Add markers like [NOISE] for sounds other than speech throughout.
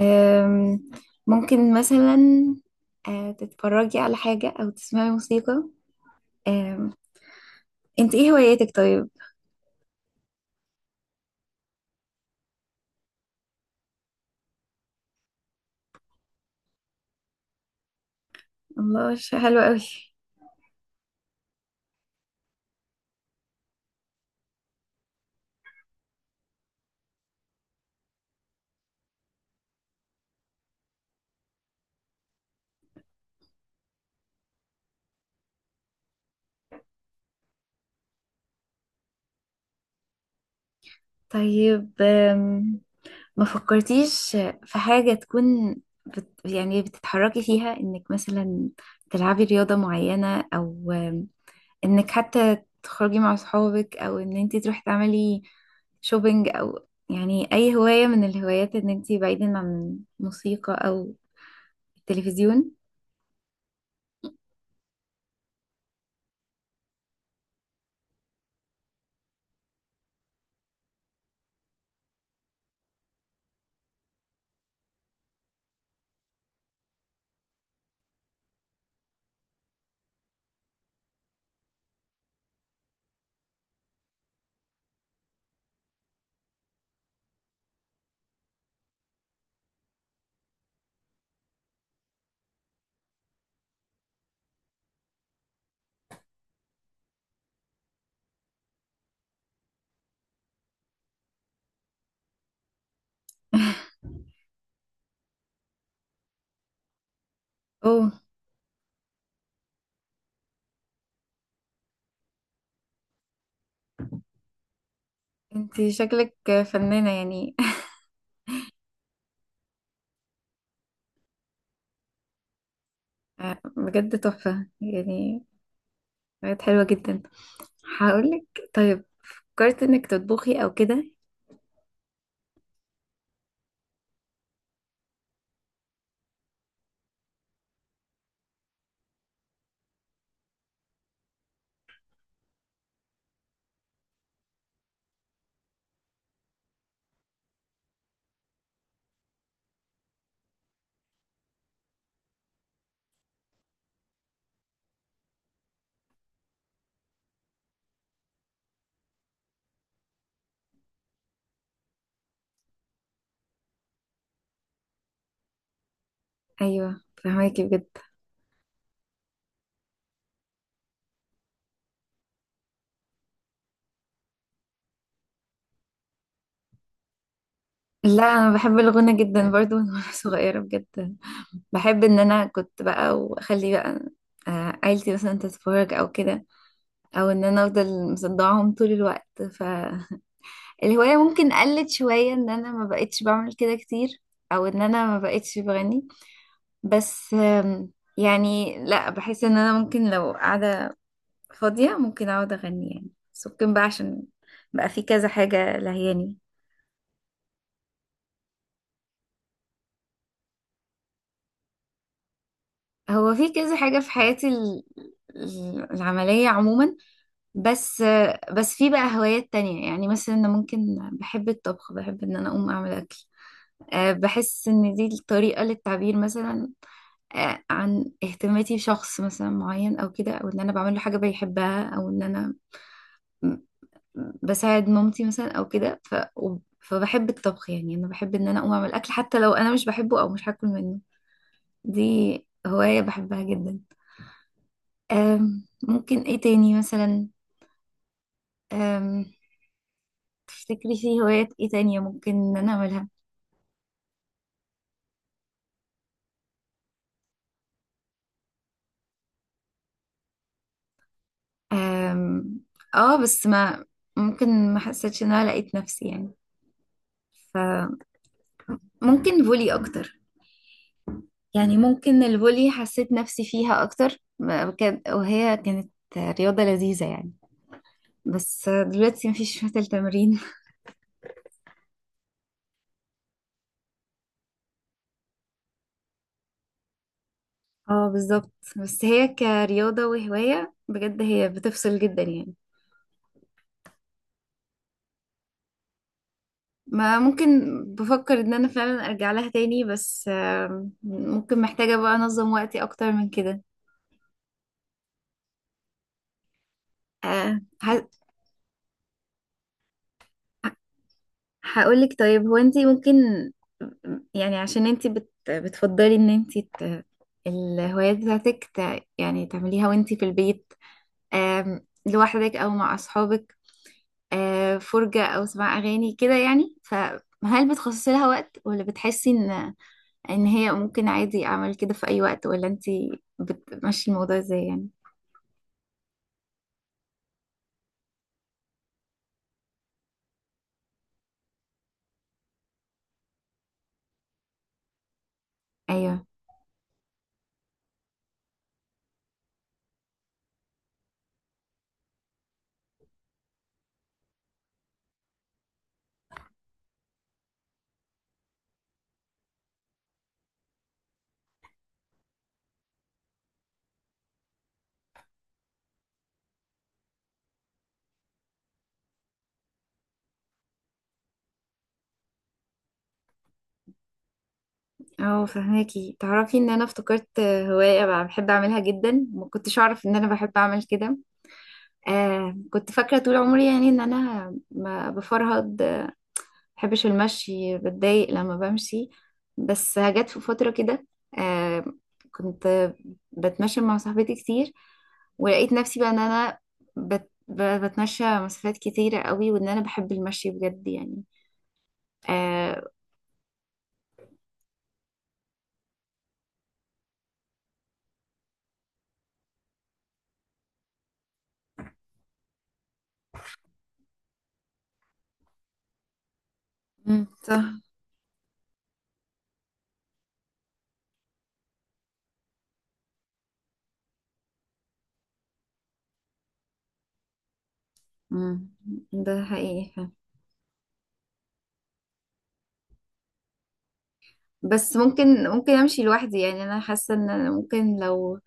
أم، ممكن مثلا تتفرجي على حاجة أو تسمعي موسيقى. أم، انت ايه هواياتك طيب؟ الله حلو قوي. طيب، ما فكرتيش في حاجة تكون يعني بتتحركي فيها انك مثلا تلعبي رياضة معينة او، انك حتى تخرجي مع صحابك او ان انت تروحي تعملي شوبينج، او يعني اي هواية من الهوايات ان انت بعيدا عن موسيقى او التلفزيون. [LAUGHS] اوه، انتي شكلك فنانة يعني. [LAUGHS] آه، بجد تحفة يعني، بجد حلوة جدا. هقولك طيب، فكرت انك تطبخي او كده؟ ايوه، فهماكي بجد. لا انا بحب الغنى جدا برضو من وانا [LAUGHS] صغيرة بجد. بحب ان انا كنت بقى واخلي بقى عيلتي مثلا تتفرج او كده، او ان انا افضل مصدعهم طول الوقت. فالهواية ممكن قلت شوية ان انا ما بقتش بعمل كده كتير او ان انا ما بقتش بغني. بس يعني لا، بحس ان انا ممكن لو قاعدة فاضية ممكن اقعد اغني يعني. بس ممكن بقى عشان بقى في كذا حاجة لهياني. هو في كذا حاجة في حياتي العملية عموما. بس بس في بقى هوايات تانية يعني، مثلا انا ممكن بحب الطبخ، بحب ان انا اقوم اعمل اكل. بحس ان دي الطريقة للتعبير مثلا عن اهتماماتي بشخص مثلا معين او كده، او ان انا بعمل له حاجة بيحبها، او ان انا بساعد مامتي مثلا او كده. فبحب الطبخ يعني، انا بحب ان انا اقوم اعمل اكل حتى لو انا مش بحبه او مش هاكل منه. دي هواية بحبها جدا. ممكن ايه تاني مثلا؟ أم... تفتكري في هوايات ايه تانية ممكن ان انا اعملها؟ أم... اه بس ما ممكن ما حسيتش ان انا لقيت نفسي يعني. فممكن فولي اكتر، يعني ممكن الفولي حسيت نفسي فيها اكتر، وهي كانت رياضة لذيذة يعني. بس دلوقتي مفيش مثل تمرين. اه بالظبط، بس هي كرياضة وهواية بجد هي بتفصل جدا يعني. ما ممكن بفكر ان انا فعلا ارجع لها تاني، بس ممكن محتاجة بقى انظم وقتي اكتر من كده. آه، ه- هقولك طيب، هو انتي ممكن، يعني عشان انتي بتفضلي ان انتي الهوايات بتاعتك يعني تعمليها وانتي في البيت، لوحدك او مع اصحابك، فرجة أو سماع أغاني كده يعني. فهل بتخصصي لها وقت، ولا بتحسي إن هي ممكن عادي أعمل كده في أي وقت، ولا أنتي بتمشي الموضوع إزاي يعني؟ أيوه. اه فهماكي. تعرفي ان انا افتكرت هواية بقى بحب اعملها جدا، ما كنتش اعرف ان انا بحب اعمل كده. آه كنت فاكرة طول عمري يعني ان انا ما بفرهد، بحبش المشي، بتضايق لما بمشي. بس جت في فترة كده آه كنت بتمشى مع صاحبتي كتير، ولقيت نفسي بقى ان انا بتمشى مسافات كتيرة قوي، وان انا بحب المشي بجد يعني، آه. مم، صح. مم، ده حقيقي فعلا. بس ممكن امشي لوحدي يعني. انا حاسة ان أنا ممكن لو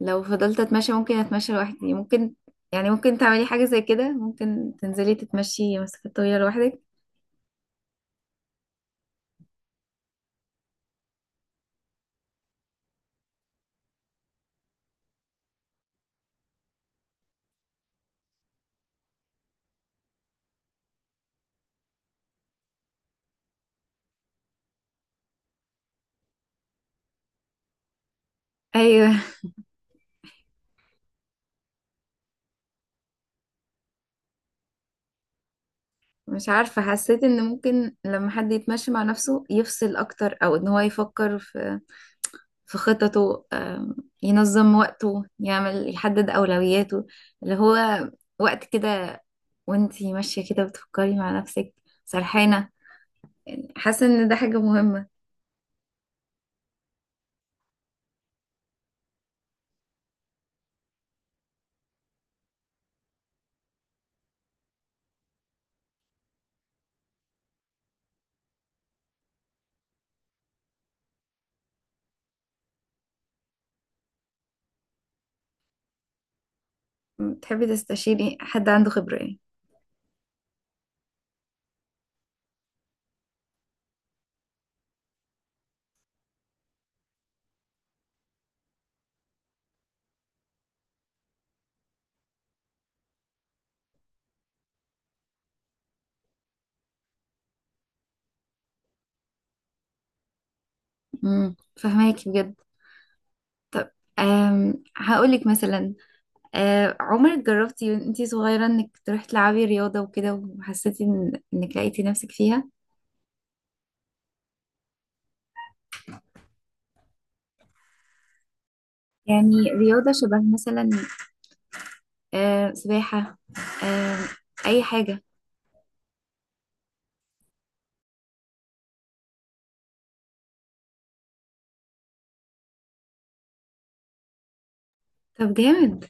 لو فضلت اتمشى ممكن اتمشى لوحدي ممكن. يعني ممكن تعملي حاجة زي كده، ممكن تنزلي تتمشي مسافات طويلة لوحدك. ايوه. مش عارفة، حسيت ان ممكن لما حد يتمشي مع نفسه يفصل اكتر، او ان هو يفكر في في خططه، ينظم وقته، يعمل يحدد اولوياته، اللي هو وقت كده وانتي ماشية كده بتفكري مع نفسك سرحانة. حاسة ان ده حاجة مهمة. تحبي تستشيري حد عنده خبرة يعني. امم، فهماكي بجد. طب، هقولك مثلا، عمرك جربتي وانتي صغيرة انك تروحي تلعبي رياضة وكده، وحسيتي إن انك لقيتي نفسك فيها؟ يعني رياضة شبه مثلا سباحة، آه، اي حاجة. طب جامد.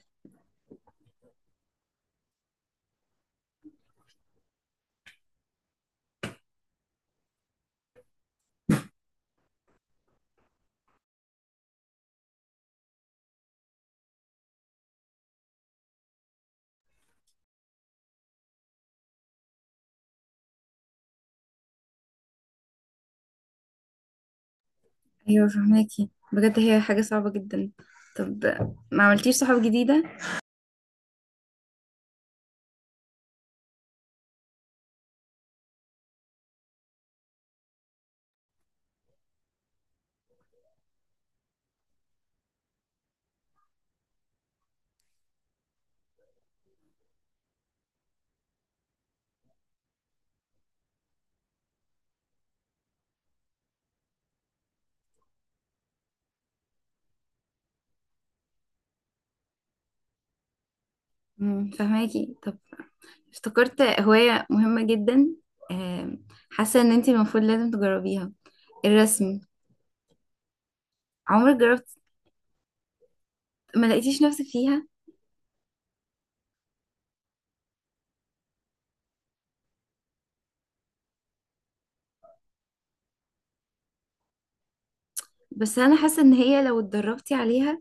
ايوه فهماكي بجد، هي حاجة صعبة جدا. طب، ما عملتيش صحاب جديدة؟ مم، فهماكي. طب، افتكرت هواية مهمة جدا، آه، حاسة ان انتي المفروض لازم تجربيها، الرسم. عمرك جربت؟ ما لقيتيش نفسك فيها. بس انا حاسه ان هي لو اتدربتي عليها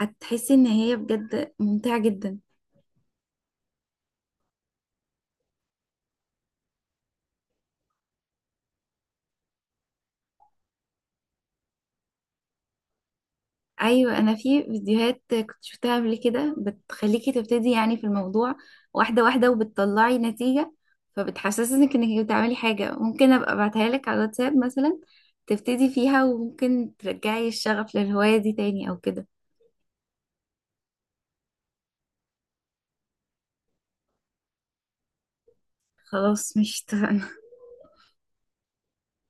هتحسي ان هي بجد ممتعه جدا. ايوه انا في فيديوهات كنت شفتها قبل كده بتخليكي تبتدي يعني في الموضوع واحده واحده، وبتطلعي نتيجه، فبتحسسك انك بتعملي حاجه. ممكن ابقى ابعتها لك على الواتساب مثلا، تبتدي فيها وممكن ترجعي الشغف للهوايه دي تاني او كده. خلاص، مش اتفقنا؟